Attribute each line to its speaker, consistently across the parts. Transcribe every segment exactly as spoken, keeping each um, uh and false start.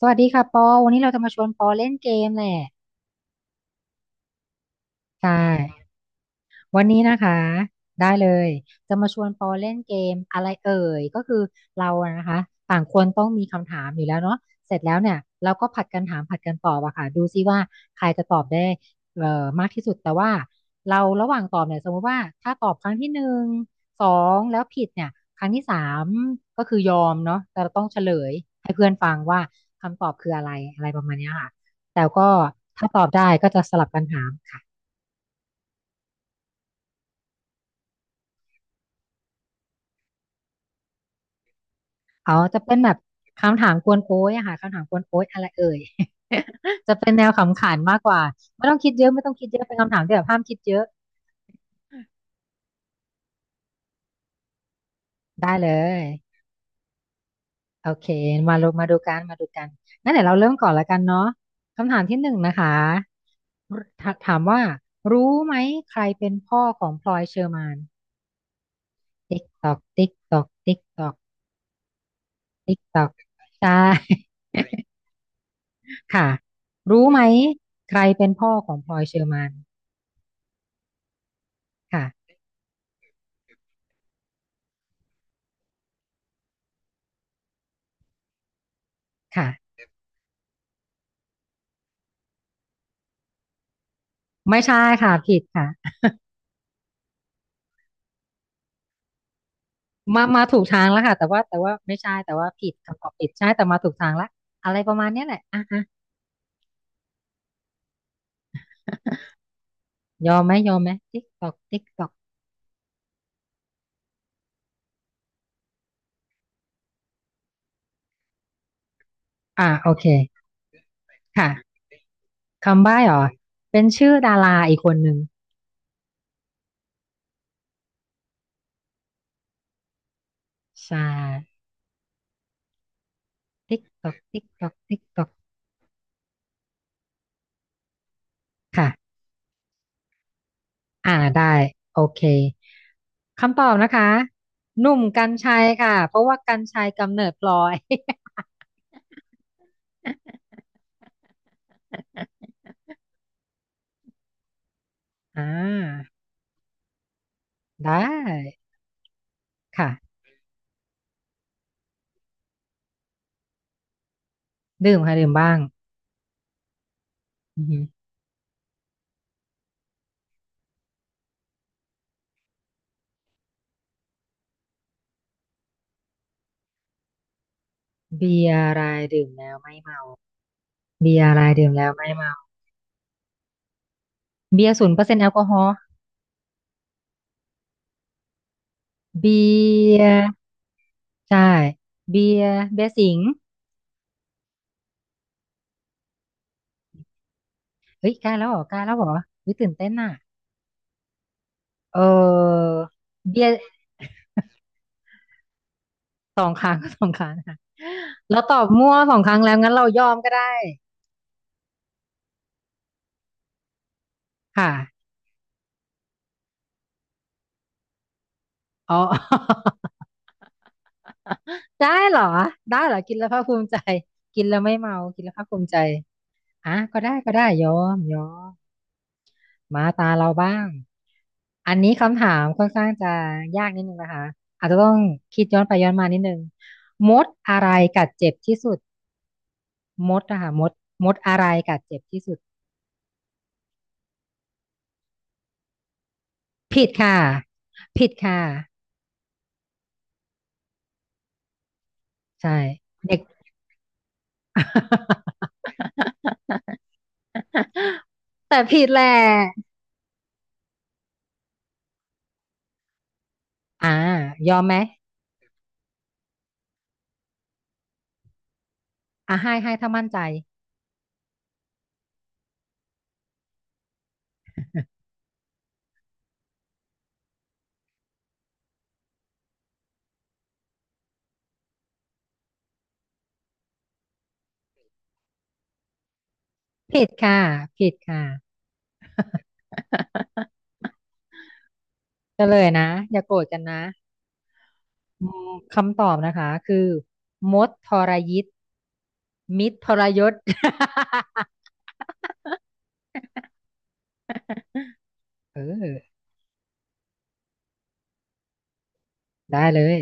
Speaker 1: สวัสดีค่ะปอวันนี้เราจะมาชวนปอเล่นเกมแหละใช่ วันนี้นะคะได้เลยจะมาชวนปอเล่นเกมอะไรเอ่ยก็คือเราอะนะคะต่างคนต้องมีคำถามอยู่แล้วเนาะเสร็จแล้วเนี่ยเราก็ผัดกันถามผัดกันตอบอะค่ะดูซิว่าใครจะตอบได้เอ่อมากที่สุดแต่ว่าเราระหว่างตอบเนี่ยสมมติว่าถ้าตอบครั้งที่หนึ่งสองแล้วผิดเนี่ยครั้งที่สามก็คือยอมเนาะแต่เราต้องเฉลยให้เพื่อนฟังว่าคำตอบคืออะไรอะไรประมาณเนี้ยค่ะแต่ก็ถ้าตอบได้ก็จะสลับกันถามค่ะ เขาจะเป็นแบบคำถามกวนโอ้ยอะค่ะคำถามกวนโอ้ยอะไรเอ่ย จะเป็นแนวขำขันมากกว่าไม่ต้องคิดเยอะไม่ต้องคิดเยอะเป็นคำถามที่แบบห้ามคิดเยอะได้เลยโอเคมาลงมาดูกันมาดูกันงั้นเดี๋ยวเราเริ่มก่อนละกันเนาะคำถามที่หนึ่งนะคะถถามว่ารู้ไหมใครเป็นพ่อของพลอยเชอร์มานติ๊กตอกติ๊กตอกติ๊กตอกติ๊กตอกใช่ ค่ะรู้ไหมใครเป็นพ่อของพลอยเชอร์มานค่ะค่ะ ไม่ใช่ค่ะผิดค่ะมามาถูกทางแล้วค่ะแต่ว่าแต่ว่าไม่ใช่แต่ว่าผิดคำตอบผิดใช่แต่มาถูกทางละอะไรประมาณเนี้ยแหละอ่ะฮะยอมไหมยอมไหมติ๊กตอกติ๊กตอกอ่าโอเคค่ะคำใบ้เหรอเป็นชื่อดาราอีกคนหนึ่งใช่ติ๊กตอกติ๊กตอกติ๊กตอกค่ะอ่าได้โอเคคำตอบนะคะหนุ่มกรรชัยค่ะเพราะว่ากรรชัยกำเนิดพลอย อ่าได้ค่ะดื่มค่ะดื่มบ้างอือฮึ เบียร์รายดื่มแล้วไม่เมาเบียร์รายดื่มแล้วไม่เมาเบียร์ศูนย์เปอร์เซ็นต์แอลกอฮอล์เบียร์ใช่เบียร์เบียร์สิงห์เฮ้ยใกล้แล้วเหรอใกล้แล้วเหรอเฮ้ยตื่นเต้นน่ะเออเบียร์สองครั้ง ก็สองครั้งค่ะเราตอบมั่วสองครั้งแล้วงั้นเรายอมก็ได้ค่ะอ๋อ ได้เหรอได้เหรอกินแล้วภาคภูมิใจกินแล้วไม่เมากินแล้วภาคภูมิใจอ่ะก็ได้ก็ได้ยอมยอม มาตาเราบ้าง อันนี้คำถามค่อนข้างจะยากนิดนึงนะคะอาจจะต้องคิดย้อนไปย้อนมานิดนึงมดอะไรกัดเจ็บที่สุดมดนะคะมดมดอะไรกัดเจ็บที่สุด ผิดค่ะผิดค่ะใช่ เด็ก แต่ผิดแหละอ่ายอมไหมอ่าให้ให้ถ้ามั่นใจ ผิดค่ะผิดค่ะ เฉลยนะ อย่าโกรธกันนะ อืมคำตอบนะคะคือมดทรยิตมิตรทรยศ เออได้เลย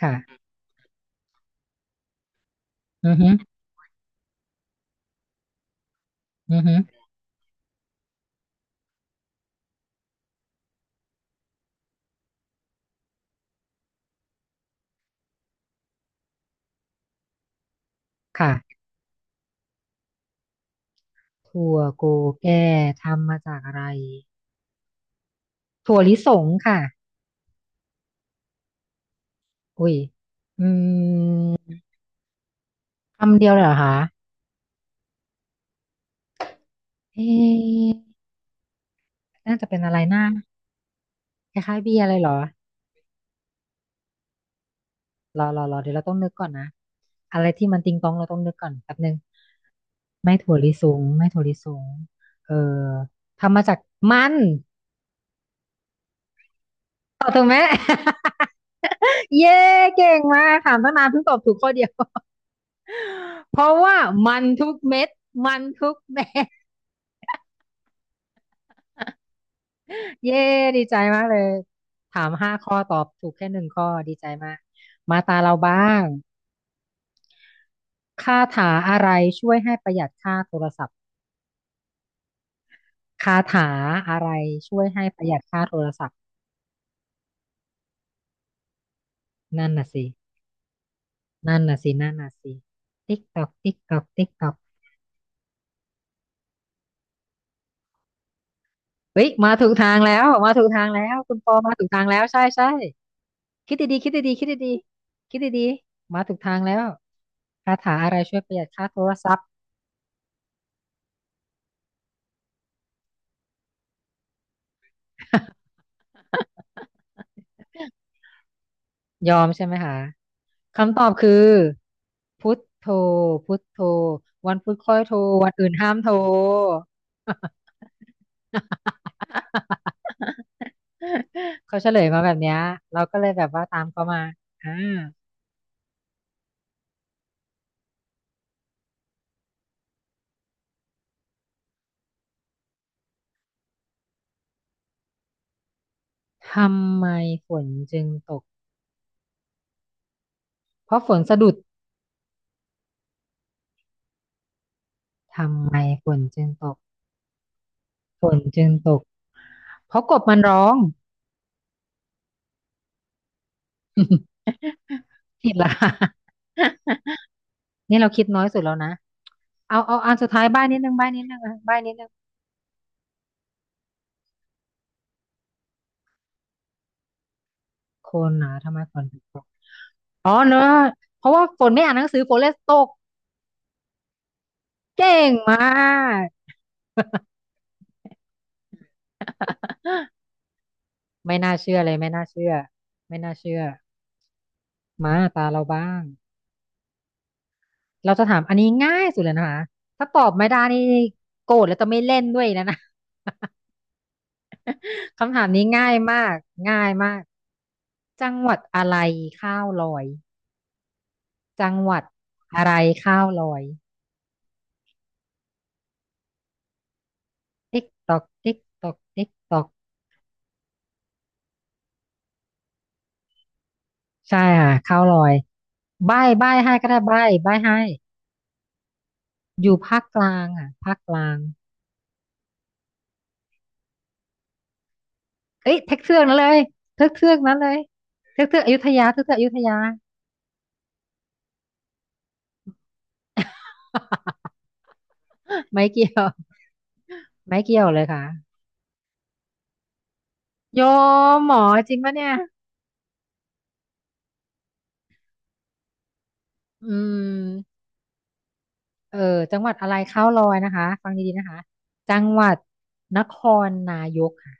Speaker 1: ค่ะอือฮึอือฮึค่ะถั่วโกแก่ทำมาจากอะไรถั่วลิสงค่ะอุ้ยอืมคำเดียวเลยเหรอคะเอ๊ะน่าจะเป็นอะไรนะคล้ายๆเบียร์อะไรเหรอรอรอรอเดี๋ยวเราต้องนึกก่อนนะอะไรที่มันติงตองเราต้องนึกก่อนแป๊บนึง ไม่ถั่วลิสงไม่ถั่วลิสงเออทำมาจากมันถูกไหม เย้เก่งมากถามตั้งนานเพิ่งตอบถูกข้อเดียว เพราะว่ามันทุกเม็ดมันทุกเม็ด เย้ดีใจมากเลยถามห้าข้อตอบถูกแค่หนึ่งข้อดีใจมากมาตาเราบ้างคาถาอะไรช่วยให้ประหยัดค่าโทรศัพท์คาถาอะไรช่วยให้ประหยัดค่าโทรศัพท์นั่นน่ะสิ นั่นน่ะสินั่นน่ะสิติ๊กตอกติ๊กตอกติ๊กตอกเฮ้ย มาถูกทางแล้ว มาถูกทางแล้ว คุณปอมาถูกทางแล้ว ใช่ ใช่ คิดดีๆคิดดีๆคิดดีๆคิดดีๆมาถูกทางแล้วคาถาอะไรช่วยประหยัดค่าโทรศัพท์ ยอมใช่ไหมคะคำตอบคือพุทโธพุทโธวันพุธค่อยโทรวันอื่นห้ามโทร เขาเฉลยมาแบบเนี้ยเราก็เลยแบบว่าตามเขามาอ่า ทำไมฝนจึงตกเพราะฝนสะดุดทำไมฝนจึงตกฝนจึงตกเพราะกบมันร้อง ผิดละ ค่ะ นี่เราคิดน้อยสุดแล้วนะเอาเอาอันสุดท้ายบ้านนิดนึงบ้านนิดนึงอ่ะบ้านนิดนึงคนหนาทำไมฝนถึงตกอ๋อเนอะเพราะว่าฝนไม่อ่านหนังสือฝนเลยตกเก่งมาก ไม่น่าเชื่อเลยไม่น่าเชื่อไม่น่าเชื่อมาตาเราบ้าง เราจะถามอันนี้ง่ายสุดเลยนะคะถ้าตอบไม่ได้นี่โกรธแล้วจะไม่เล่นด้วยนะนะ คำถามนี้ง่ายมากง่ายมาก จังหวัดอะไรข้าวลอยจังหวัดอะไรข้าวลอยติ๊กตอกติ๊กตอกติ๊กตอกใช่ค่ะข้าวลอยใบ้ใบ้ให้ก็ได้ใบ้ใบ้ให้อยู่ภาคกลางอ่ะภาคกลางเอ้ยเทือกเทือกนั้นเลยเทือกเทือกนั้นเลยเทือกเทือกอยุธยาเทือกเทือกอยุธยา ไม่เกี่ยวไม่เกี่ยวเลยค่ะ โยมหมอจริงปะเนี่ยอืมเออจังหวัดอะไรข้าวลอยนะคะฟังดีๆนะคะจังหวัดนครนายกค่ะ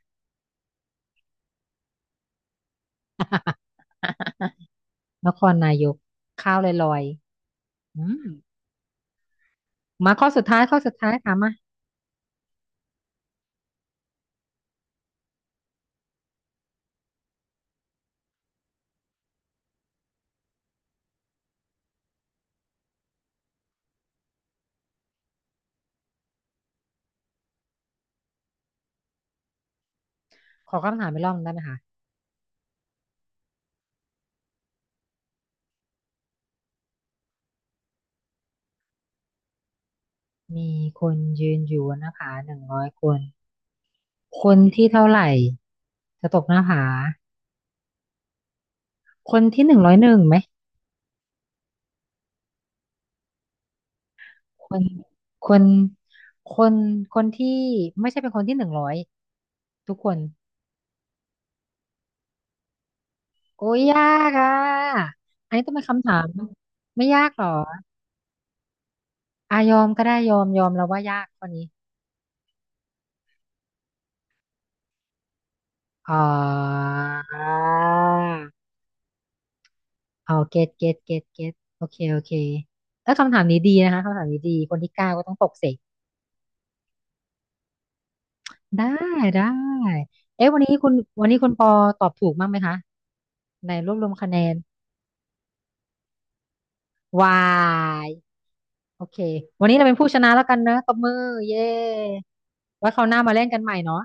Speaker 1: นครนายกข้าวลอยลอยอืมมาข้อสุดท้ายข้อสุดท้ายถามมาขอคำถามไปรอบหนึ่งได้ไหมคะมีคนยืนอยู่นะคะหนึ่งร้อยคน คนที่เท่าไหร่จะตกหน้าผาคนที่หนึ่งร้อยหนึ่งไหมคนคนคนคนที่ไม่ใช่เป็นคนที่หนึ่งร้อยทุกคน โอ้ยยากอ่ะอันนี้ต้องเป็นคำถามไม่ยากหรออายอมก็ได้ยอมยอมแล้วว่ายากข้อนี้อ๋อเอาเกตเกตเกตเกตโอเคโอเคแล้วคำถามนี้ดีนะคะคำถามนี้ดีคนที่เก้าก็ต้องตกเสกได้ได้เอ๊ะวันนี้คุณวันนี้คุณปอตอบถูกมั้างไหมคะในรวบรวมคะแนนวายโอเควันนี้เราเป็นผู้ชนะแล้วกันนะตบมือเย้ไว้คราวหน้ามาเล่นกันใหม่เนาะ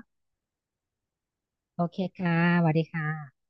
Speaker 1: โอเคค่ะสวัสดีค่ะ